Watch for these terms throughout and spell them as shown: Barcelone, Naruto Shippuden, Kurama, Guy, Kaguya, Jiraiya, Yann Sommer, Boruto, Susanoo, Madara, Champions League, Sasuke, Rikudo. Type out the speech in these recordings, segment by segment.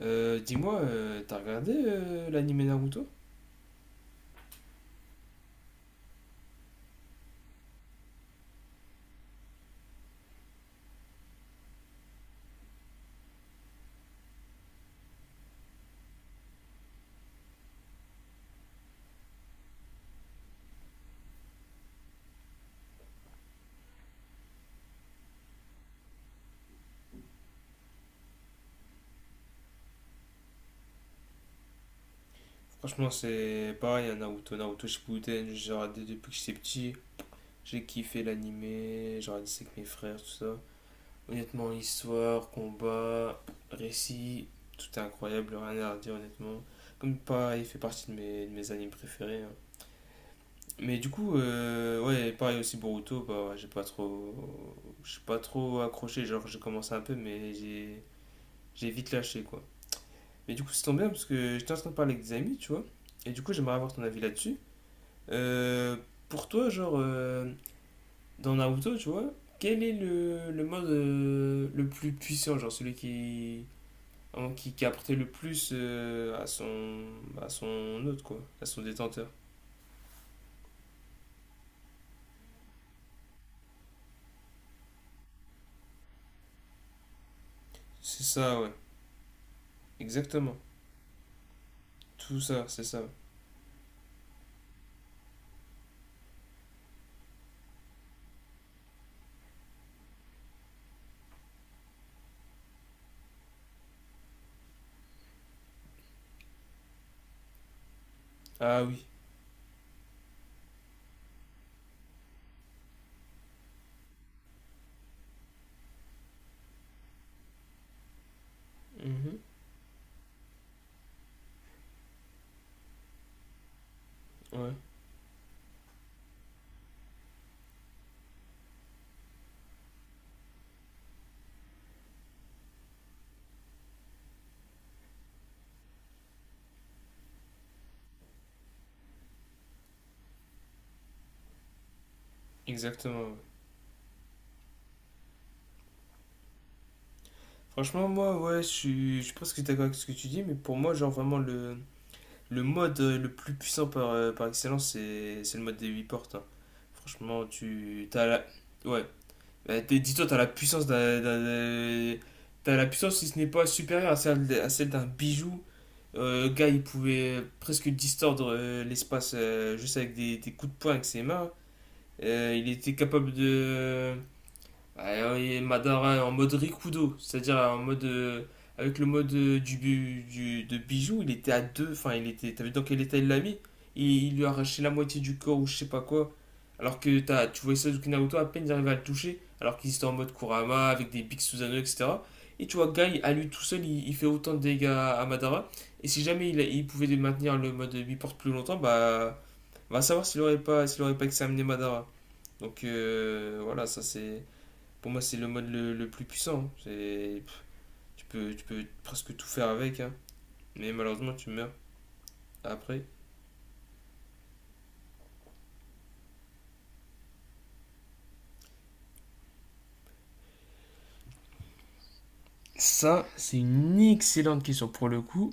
T'as regardé l'anime Naruto? Franchement, c'est pareil, un Naruto, Naruto Shippuden, j'ai regardé depuis que j'étais petit, j'ai kiffé l'anime, j'ai regardé ça avec mes frères, tout ça. Honnêtement, histoire, combat, récit, tout est incroyable, rien à redire honnêtement. Comme pareil, il fait partie de mes animes préférés, hein. Mais du coup, ouais, pareil aussi Boruto, bah ouais, j'ai pas trop accroché, genre j'ai commencé un peu, j'ai vite lâché quoi. Mais du coup, c'est tombé bien parce que j'étais en train de parler avec des amis, tu vois. Et du coup, j'aimerais avoir ton avis là-dessus. Euh, pour toi, dans Naruto, tu vois, quel est le mode le plus puissant, genre celui qui, hein, qui a apporté le plus à son hôte, quoi, à son détenteur. C'est ça, ouais, exactement. Tout ça, c'est ça. Ah oui. Mhm. Ouais, exactement, ouais. Franchement, moi, ouais, je suis presque d'accord avec ce que tu dis, mais pour moi, genre, vraiment, le mode le plus puissant par, par excellence, c'est le mode des 8 portes, hein. Franchement, tu. T'as la. Ouais. Dis-toi, T'as la puissance, si ce n'est pas supérieure à celle d'un bijou. Le gars, il pouvait presque distordre l'espace juste avec des coups de poing avec ses mains. Il était capable de. Et Madara en mode Rikudo, c'est-à-dire en mode avec le mode de bijou, il était à deux, enfin il était, t'as vu dans quel état il l'a mis? Il lui a arraché la moitié du corps ou je sais pas quoi. Alors que t'as, tu vois Sasuke Naruto à peine il arrivait à le toucher, alors qu'il était en mode Kurama avec des Big Susanoo etc. Et tu vois Guy à lui tout seul, il fait autant de dégâts à Madara. Et si jamais il pouvait maintenir le mode mi-porte plus longtemps, bah, on va savoir s'il aurait pas examiné Madara. Donc voilà, ça c'est. Pour moi, c'est le mode le plus puissant, hein. C'est, tu peux presque tout faire avec, hein. Mais malheureusement, tu meurs après. Ça, c'est une excellente question pour le coup.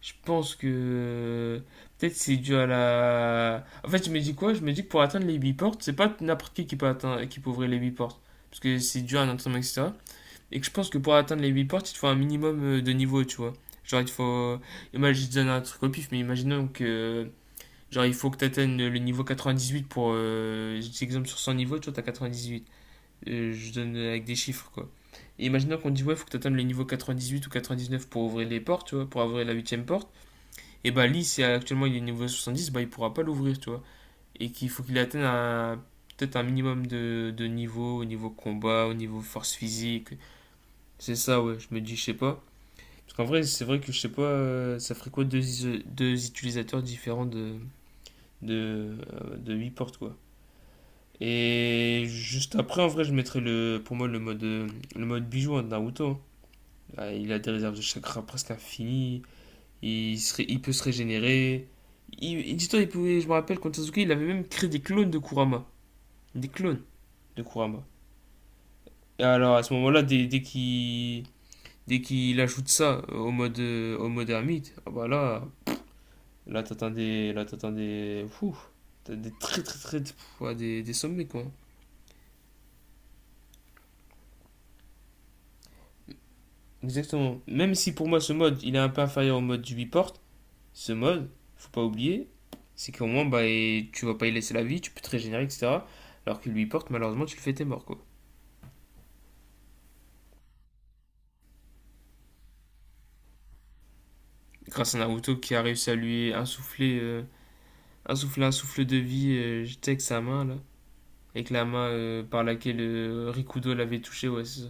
Je pense que peut-être c'est dû à la. En fait, je me dis quoi? Je me dis que pour atteindre les 8 portes, c'est pas n'importe qui peut atteindre, qui peut ouvrir les 8 portes. Parce que c'est dur à un entraînement, etc. Et que je pense que pour atteindre les 8 portes, il te faut un minimum de niveau, tu vois. Genre, il te faut. Imagine, je donne un truc au pif, mais imaginons que genre, il faut que tu atteignes le niveau 98 pour. J'exemple sur 100 niveaux, tu vois, t'as 98. Je donne avec des chiffres, quoi. Et imaginons qu'on te dit, ouais, il faut que tu atteignes le niveau 98 ou 99 pour ouvrir les portes, tu vois, pour ouvrir la huitième porte. Et bah, lui, si actuellement il est niveau 70, bah, il pourra pas l'ouvrir, tu vois. Et qu'il faut qu'il atteigne un peut-être un minimum de niveau, au niveau combat, au niveau force physique. C'est ça, ouais, je me dis, je sais pas. Parce qu'en vrai, c'est vrai que je sais pas, ça ferait quoi deux, deux utilisateurs différents de 8 portes, quoi. Et juste après, en vrai, pour moi le mode bijou hein, de Naruto, hein. Ah, il a des réserves de chakra presque infinies. Il peut se régénérer. Dis-toi, il pouvait, je me rappelle, quand Sasuke, il avait même créé des clones de Kurama. Des clones de Kurama. Et alors, à ce moment-là, dès qu'il ajoute ça au mode ermite, ah bah là, là t'attends des, fou, t'as des très très très, pff, ouais, des sommets quoi. Exactement. Même si pour moi ce mode il est un peu inférieur au mode du biport, ce mode, faut pas oublier, c'est qu'au moins bah, et tu vas pas y laisser la vie, tu peux te régénérer, etc. Alors que le biport, malheureusement, tu le fais t'es mort quoi. Grâce à Naruto qui a réussi à lui insuffler insouffler un souffle de vie, j'étais avec sa main là. Avec la main par laquelle Rikudo l'avait touché, ouais, c'est ça.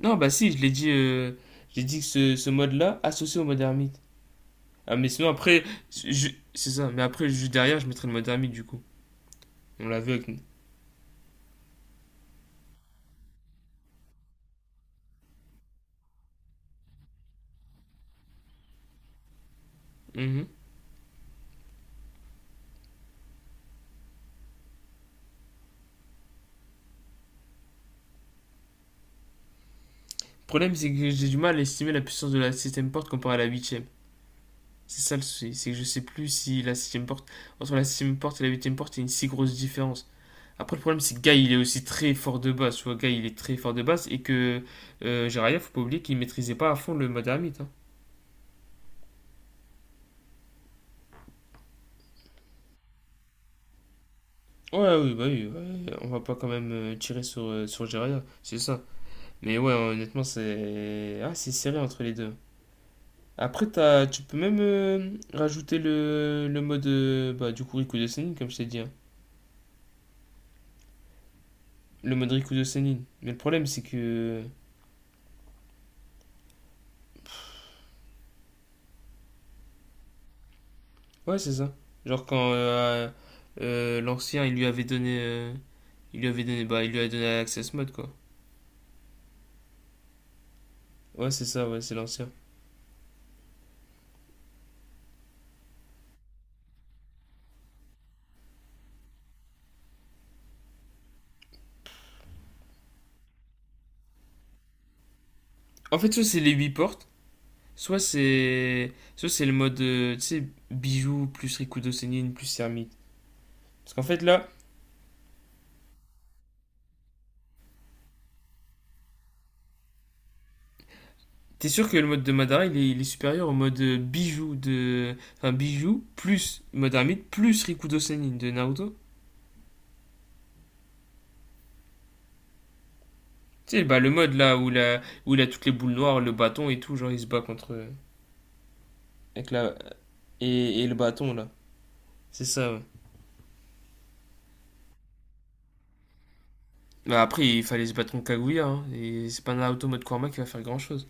Non, bah si, je l'ai dit, j'ai dit que ce mode-là associé au mode ermite. Ah, mais sinon après, c'est ça, mais après, juste derrière, je mettrai le mode ermite du coup. On l'a vu avec mhm. Le problème, c'est que j'ai du mal à estimer la puissance de la septième porte comparée à la huitième. C'est ça le souci, c'est que je sais plus si la septième porte, entre la septième porte et la huitième porte, il y a une si grosse différence. Après, le problème, c'est que Guy, il est aussi très fort de base. Tu vois, Guy, il est très fort de base et que Jiraiya, faut pas oublier qu'il maîtrisait pas à fond le mode ermite, hein. Ouais, oui, bah oui, ouais, on va pas quand même tirer sur sur Jiraiya, c'est ça. Mais ouais, honnêtement, c'est. Ah, c'est serré entre les deux. Après, tu peux même rajouter le mode bah, du coup Rikudo Senin, comme je t'ai dit, hein. Le mode Rikudo Senin. Mais le problème, c'est que. Ouais, c'est ça. Genre, quand l'ancien, il lui avait donné. Il lui avait donné. Bah, il lui a donné l'access mode, quoi. Ouais, c'est ça, ouais, c'est l'ancien. En fait, soit c'est les 8 portes, Soit c'est le mode. Tu sais, bijoux plus Rikudo Senin plus Hermite. Parce qu'en fait, là, T'es sûr que le mode de Madara il est supérieur au mode bijou de. Enfin, bijou plus mode ermite plus Rikudo Senin de Naruto? Tu sais, bah, le mode là où il a toutes les boules noires, le bâton et tout, genre il se bat contre. Avec la... et le bâton là. C'est ça, ouais. Bah, après, il fallait se battre contre Kaguya, hein, et c'est pas Naruto mode Kurama qui va faire grand chose.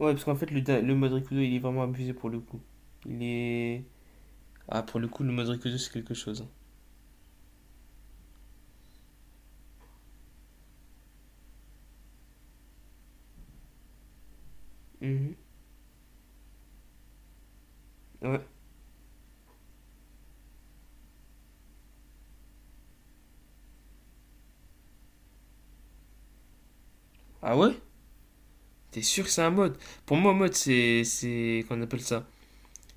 Ouais, parce qu'en fait, le mode Rikudo il est vraiment abusé pour le coup. Il est. Ah, pour le coup, le mode Rikudo c'est quelque chose, hein. Mm-hmm. Ouais. Ah ouais? T'es sûr que c'est un mode? Pour moi, mode, qu'on appelle ça?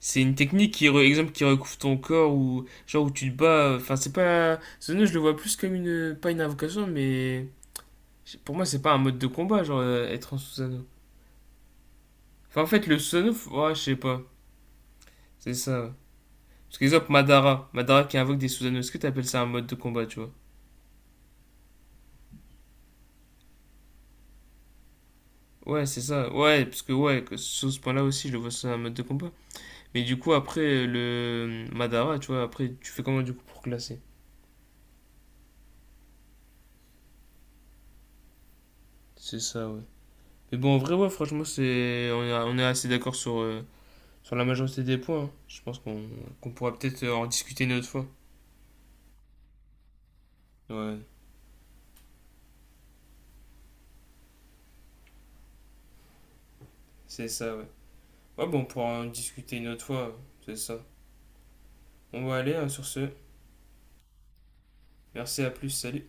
C'est une technique qui, qui recouvre ton corps ou, genre, où tu te bats. Enfin, c'est pas, Zono, je le vois plus comme une, pas une invocation, mais, pour moi, c'est pas un mode de combat, être en Susanoo. Enfin, en fait, ouais, je sais pas. C'est ça, ouais. Parce qu'exemple, Madara. Madara qui invoque des Susanoo, est-ce que t'appelles ça un mode de combat, tu vois? Ouais, c'est ça. Ouais, parce que, ouais, que sur ce point-là aussi, je le vois, c'est un mode de combat. Mais du coup, après, le Madara, tu vois, après, tu fais comment, du coup, pour classer? C'est ça, ouais. Mais bon, en vrai, ouais, franchement, c'est... on est assez d'accord sur, sur la majorité des points, hein. Je pense qu'on Qu'on pourra peut-être en discuter une autre fois. Ouais, c'est ça, ouais. Ouais, bon, on pourra en discuter une autre fois, c'est ça. On va aller hein, sur ce. Merci, à plus, salut.